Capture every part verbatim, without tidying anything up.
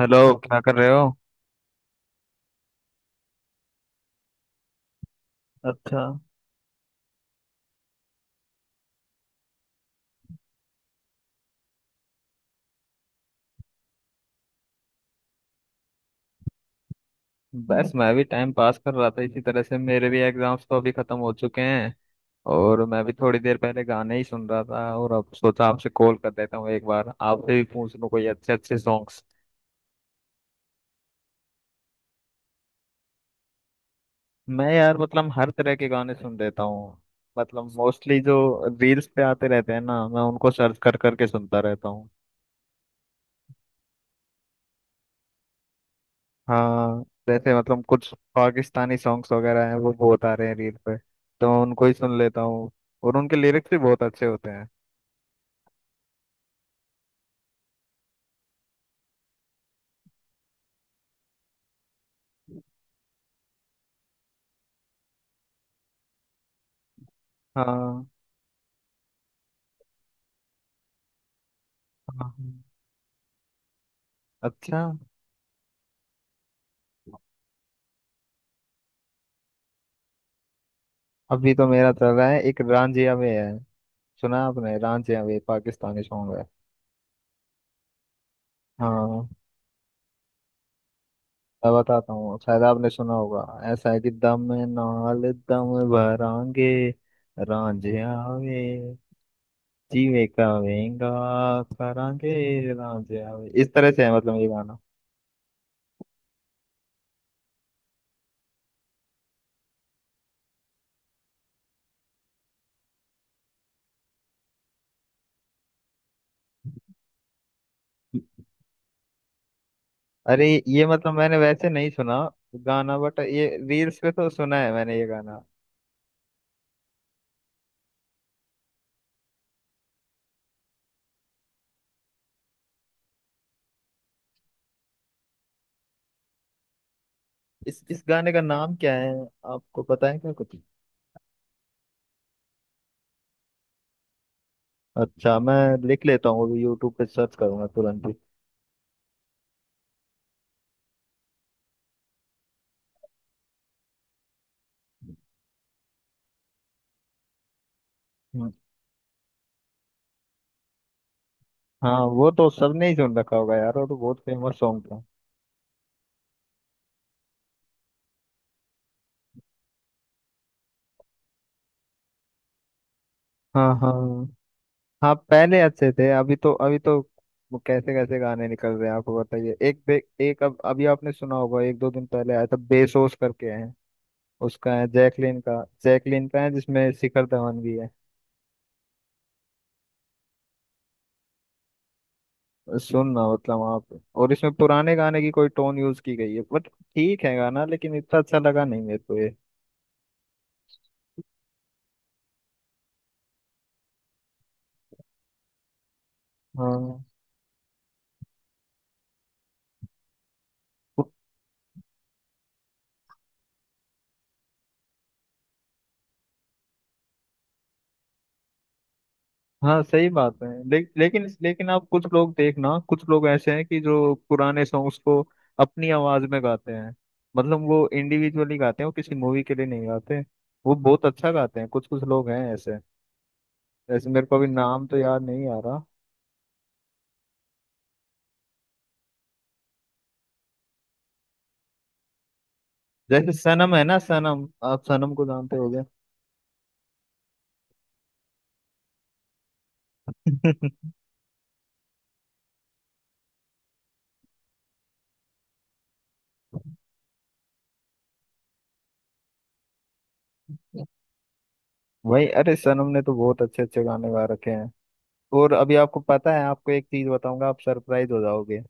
Hello. क्या कर रहे हो? अच्छा, बस मैं भी टाइम पास कर रहा था इसी तरह से। मेरे भी एग्जाम्स तो अभी खत्म हो चुके हैं और मैं भी थोड़ी देर पहले गाने ही सुन रहा था, और अब सोचा आपसे कॉल कर देता हूँ, एक बार आपसे भी पूछ लूँ कोई अच्छे अच्छे सॉन्ग्स। मैं यार मतलब हर तरह के गाने सुन लेता हूँ। मतलब मोस्टली जो रील्स पे आते रहते हैं ना, मैं उनको सर्च कर करके सुनता रहता हूँ। हाँ। जैसे मतलब कुछ पाकिस्तानी सॉन्ग्स वगैरह हैं, वो बहुत आ रहे हैं रील पे, तो मैं उनको ही सुन लेता हूँ। और उनके लिरिक्स भी बहुत अच्छे होते हैं। हाँ हाँ। हाँ। अच्छा, अभी तो मेरा चल रहा है एक रांझिया वे है। सुना आपने? रांझिया वे, पाकिस्तानी सॉन्ग है। हाँ, मैं बताता हूँ, शायद आपने सुना होगा। ऐसा है कि दम नाल दम भरांगे रांझिया वे, जीवे का वेंगा करांगे रांझिया वे। इस तरह से है मतलब ये गाना। अरे ये मतलब मैंने वैसे नहीं सुना गाना, बट ये रील्स पे तो सुना है मैंने ये गाना। इस इस गाने का नाम क्या है? आपको पता है क्या कुछ? अच्छा मैं लिख लेता हूँ, अभी यूट्यूब पे सर्च करूंगा तुरंत ही। हम्म, हाँ, वो तो सबने ही सुन रखा होगा यार, वो तो बहुत फेमस सॉन्ग था। हाँ हाँ। हाँ, पहले अच्छे थे, अभी तो अभी तो वो कैसे कैसे गाने निकल रहे हैं आपको बताइए। एक बे- एक अब अभी आपने सुना होगा, एक दो दिन पहले आया था, बेसोस करके है उसका, है जैकलिन का। जैकलिन का है जिसमें शिखर धवन भी है। सुनना, मतलब आप। और इसमें पुराने गाने की कोई टोन यूज की गई है, बट ठीक है गाना, लेकिन इतना अच्छा लगा नहीं मेरे को ये। हाँ। पु- हाँ सही बात है। ले, लेकिन लेकिन आप, कुछ लोग देखना, कुछ लोग ऐसे हैं कि जो पुराने सॉन्ग्स को अपनी आवाज में गाते हैं। मतलब वो इंडिविजुअली गाते हैं, वो किसी मूवी के लिए नहीं गाते। वो बहुत अच्छा गाते हैं, कुछ कुछ लोग हैं ऐसे। जैसे मेरे को अभी नाम तो याद नहीं आ रहा। जैसे सनम है ना, सनम, आप सनम को जानते होगे। वही, अरे सनम ने तो बहुत अच्छे अच्छे गाने गा रखे हैं। और अभी आपको पता है, आपको एक चीज बताऊंगा, आप सरप्राइज हो जाओगे।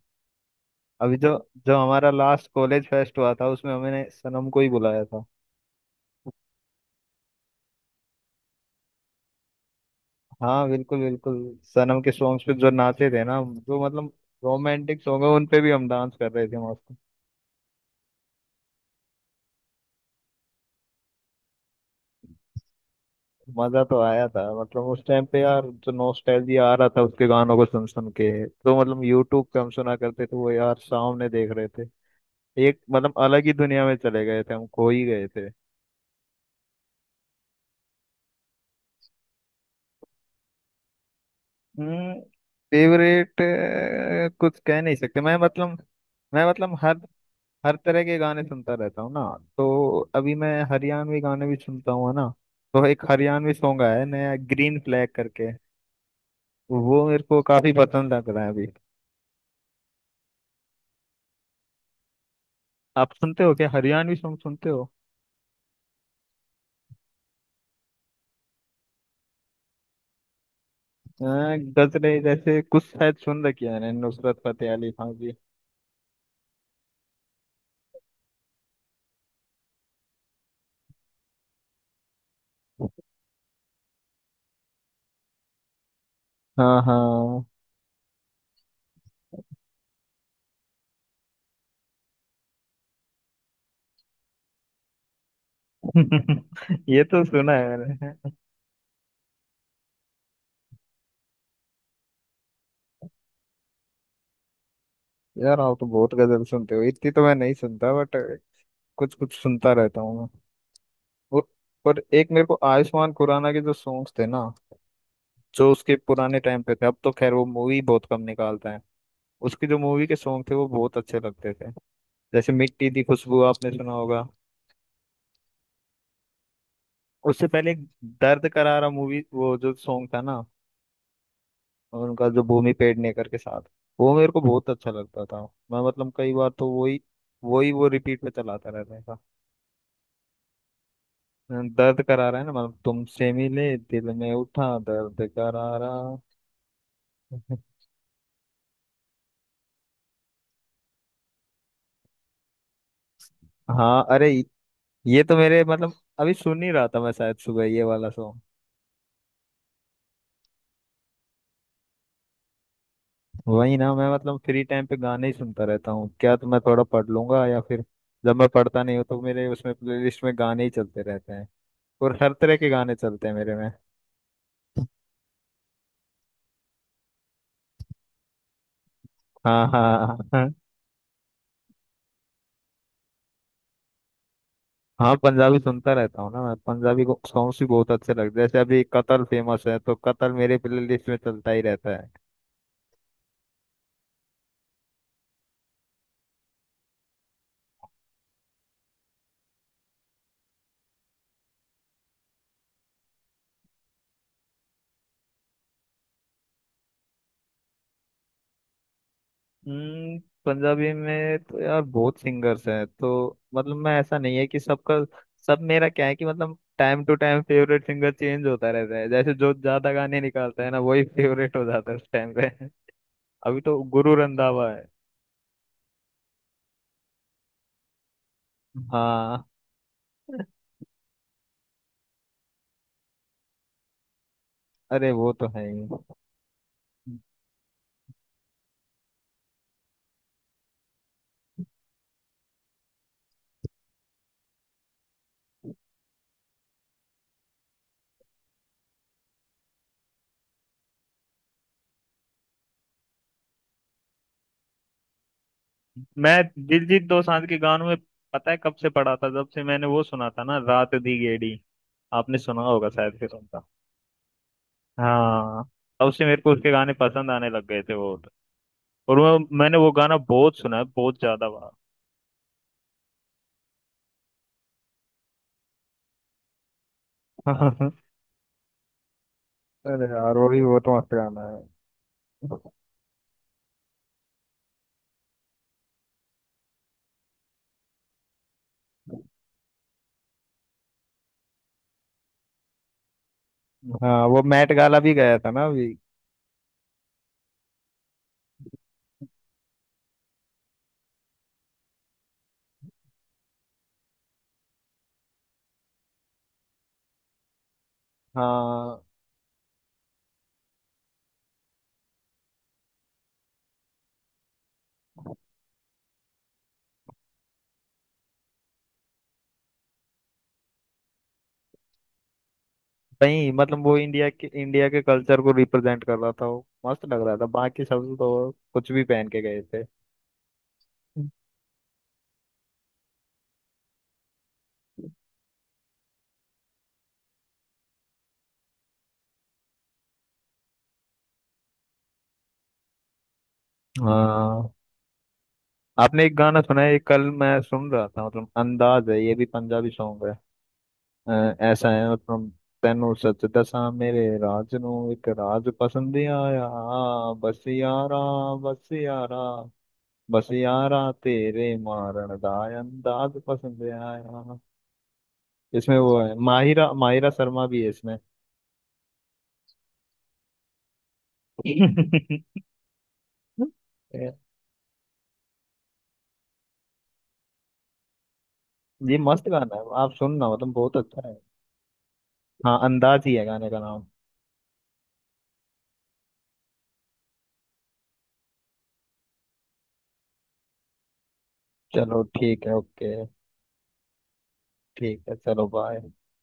अभी जो जो हमारा लास्ट कॉलेज फेस्ट हुआ था, उसमें हमने सनम को ही बुलाया था। हाँ, बिल्कुल बिल्कुल। सनम के सॉन्ग्स पे जो नाचे थे ना, जो मतलब रोमांटिक सॉन्ग है उन पे भी हम डांस कर रहे थे मस्त। मजा तो आया था, मतलब उस टाइम पे यार जो नॉस्टैल्जिया आ रहा था उसके गानों को सुन सुन के, तो मतलब यूट्यूब पे हम सुना करते थे, वो यार सामने देख रहे थे। एक मतलब अलग ही दुनिया में चले गए थे, हम खो ही गए थे। हम्म फेवरेट कुछ कह नहीं सकते। मैं मतलब मैं मतलब हर हर तरह के गाने सुनता रहता हूँ ना, तो अभी मैं हरियाणवी गाने भी सुनता हूँ, है ना। तो एक हरियाणवी सॉन्ग आया है नया, ग्रीन फ्लैग करके, वो मेरे को काफी पसंद लग रहा है अभी। आप सुनते हो क्या? हरियाणवी सॉन्ग सुनते हो? अ, गजरे जैसे कुछ शायद सुन रखी है मैंने, नुसरत फतेह अली खान की। हाँ हाँ। ये तो सुना है मैंने। यार आप तो बहुत गजल सुनते हो, इतनी तो मैं नहीं सुनता, बट कुछ कुछ सुनता रहता हूँ मैं। और, और एक, मेरे को आयुष्मान खुराना के जो सॉन्ग्स थे ना, जो उसके पुराने टाइम पे थे। अब तो खैर वो मूवी बहुत कम निकालता है, उसकी जो मूवी के सॉन्ग थे वो बहुत अच्छे लगते थे। जैसे मिट्टी दी खुशबू आपने सुना होगा। उससे पहले एक दर्द करारा मूवी, वो जो सॉन्ग था ना उनका, जो भूमि पेडनेकर के साथ, वो मेरे को बहुत अच्छा लगता था। मैं मतलब कई बार तो वही वही वो रिपीट पे चलाता रहता था। दर्द करारा है ना, मतलब तुमसे मिले दिल में उठा दर्द करारा। हाँ अरे ये तो मेरे मतलब अभी सुन ही रहा था मैं शायद सुबह ये वाला सॉन्ग। वही ना, मैं मतलब फ्री टाइम पे गाने ही सुनता रहता हूँ क्या। तो मैं थोड़ा पढ़ लूंगा, या फिर जब मैं पढ़ता नहीं हूँ तो मेरे उसमें प्लेलिस्ट में गाने ही चलते रहते हैं। और हर तरह के गाने चलते हैं मेरे में। हाँ हाँ हाँ। हाँ पंजाबी सुनता रहता हूँ ना मैं, पंजाबी सॉन्ग्स भी बहुत अच्छे लगते हैं। जैसे अभी कतल फेमस है, तो कतल मेरे प्लेलिस्ट में चलता ही रहता है। हम्म, पंजाबी में तो यार बहुत सिंगर्स हैं, तो मतलब मैं, ऐसा नहीं है कि सबका सब। मेरा क्या है कि मतलब time to time favourite singer change होता रहता है, जैसे जो ज्यादा गाने निकालता है ना वही फेवरेट हो जाता है उस टाइम पे। अभी तो गुरु रंधावा है। हाँ, अरे वो तो है ही। मैं दिलजीत दोसांझ के गानों में पता है कब से पड़ा था? जब से मैंने वो सुना था ना, रात दी गेड़ी, आपने सुना होगा शायद, फिर उनका। हाँ, तब से मेरे को उसके गाने पसंद आने लग गए थे। वो और वो, मैंने वो गाना बहुत सुना है, बहुत ज्यादा बार। अरे यार वो भी बहुत मस्त गाना है। हाँ वो मैट गाला भी गया था ना अभी। हाँ, वही मतलब वो इंडिया के इंडिया के कल्चर को रिप्रेजेंट कर रहा था, वो मस्त लग रहा था, बाकी सब तो कुछ भी पहन के गए थे। हाँ। आपने एक गाना सुना है, ये कल मैं सुन रहा था, मतलब अंदाज है, ये भी पंजाबी सॉन्ग है। ਅਹ ਐਸਾ ਹੈ ਮਤਲਬ ਤੈਨੂੰ ਸੱਚ ਦੱਸਾਂ, ਮੇਰੇ ਰਾਜ ਨੂੰ ਇੱਕ ਰਾਜ ਪਸੰਦ ਆਇਆ। ਬਸ ਯਾਰਾ ਬਸ ਯਾਰਾ ਬਸ ਯਾਰਾ ਤੇਰੇ ਮਾਰਨ ਦਾ ਅੰਦਾਜ਼ ਪਸੰਦ ਆਇਆ। इसमें वो है माहिरा माहिरा शर्मा भी है इसमें। ये मस्त गाना है, आप सुनना, मतलब बहुत अच्छा है। हाँ, अंदाज ही है गाने का नाम। चलो ठीक है, ओके। ठीक है, चलो, बाय।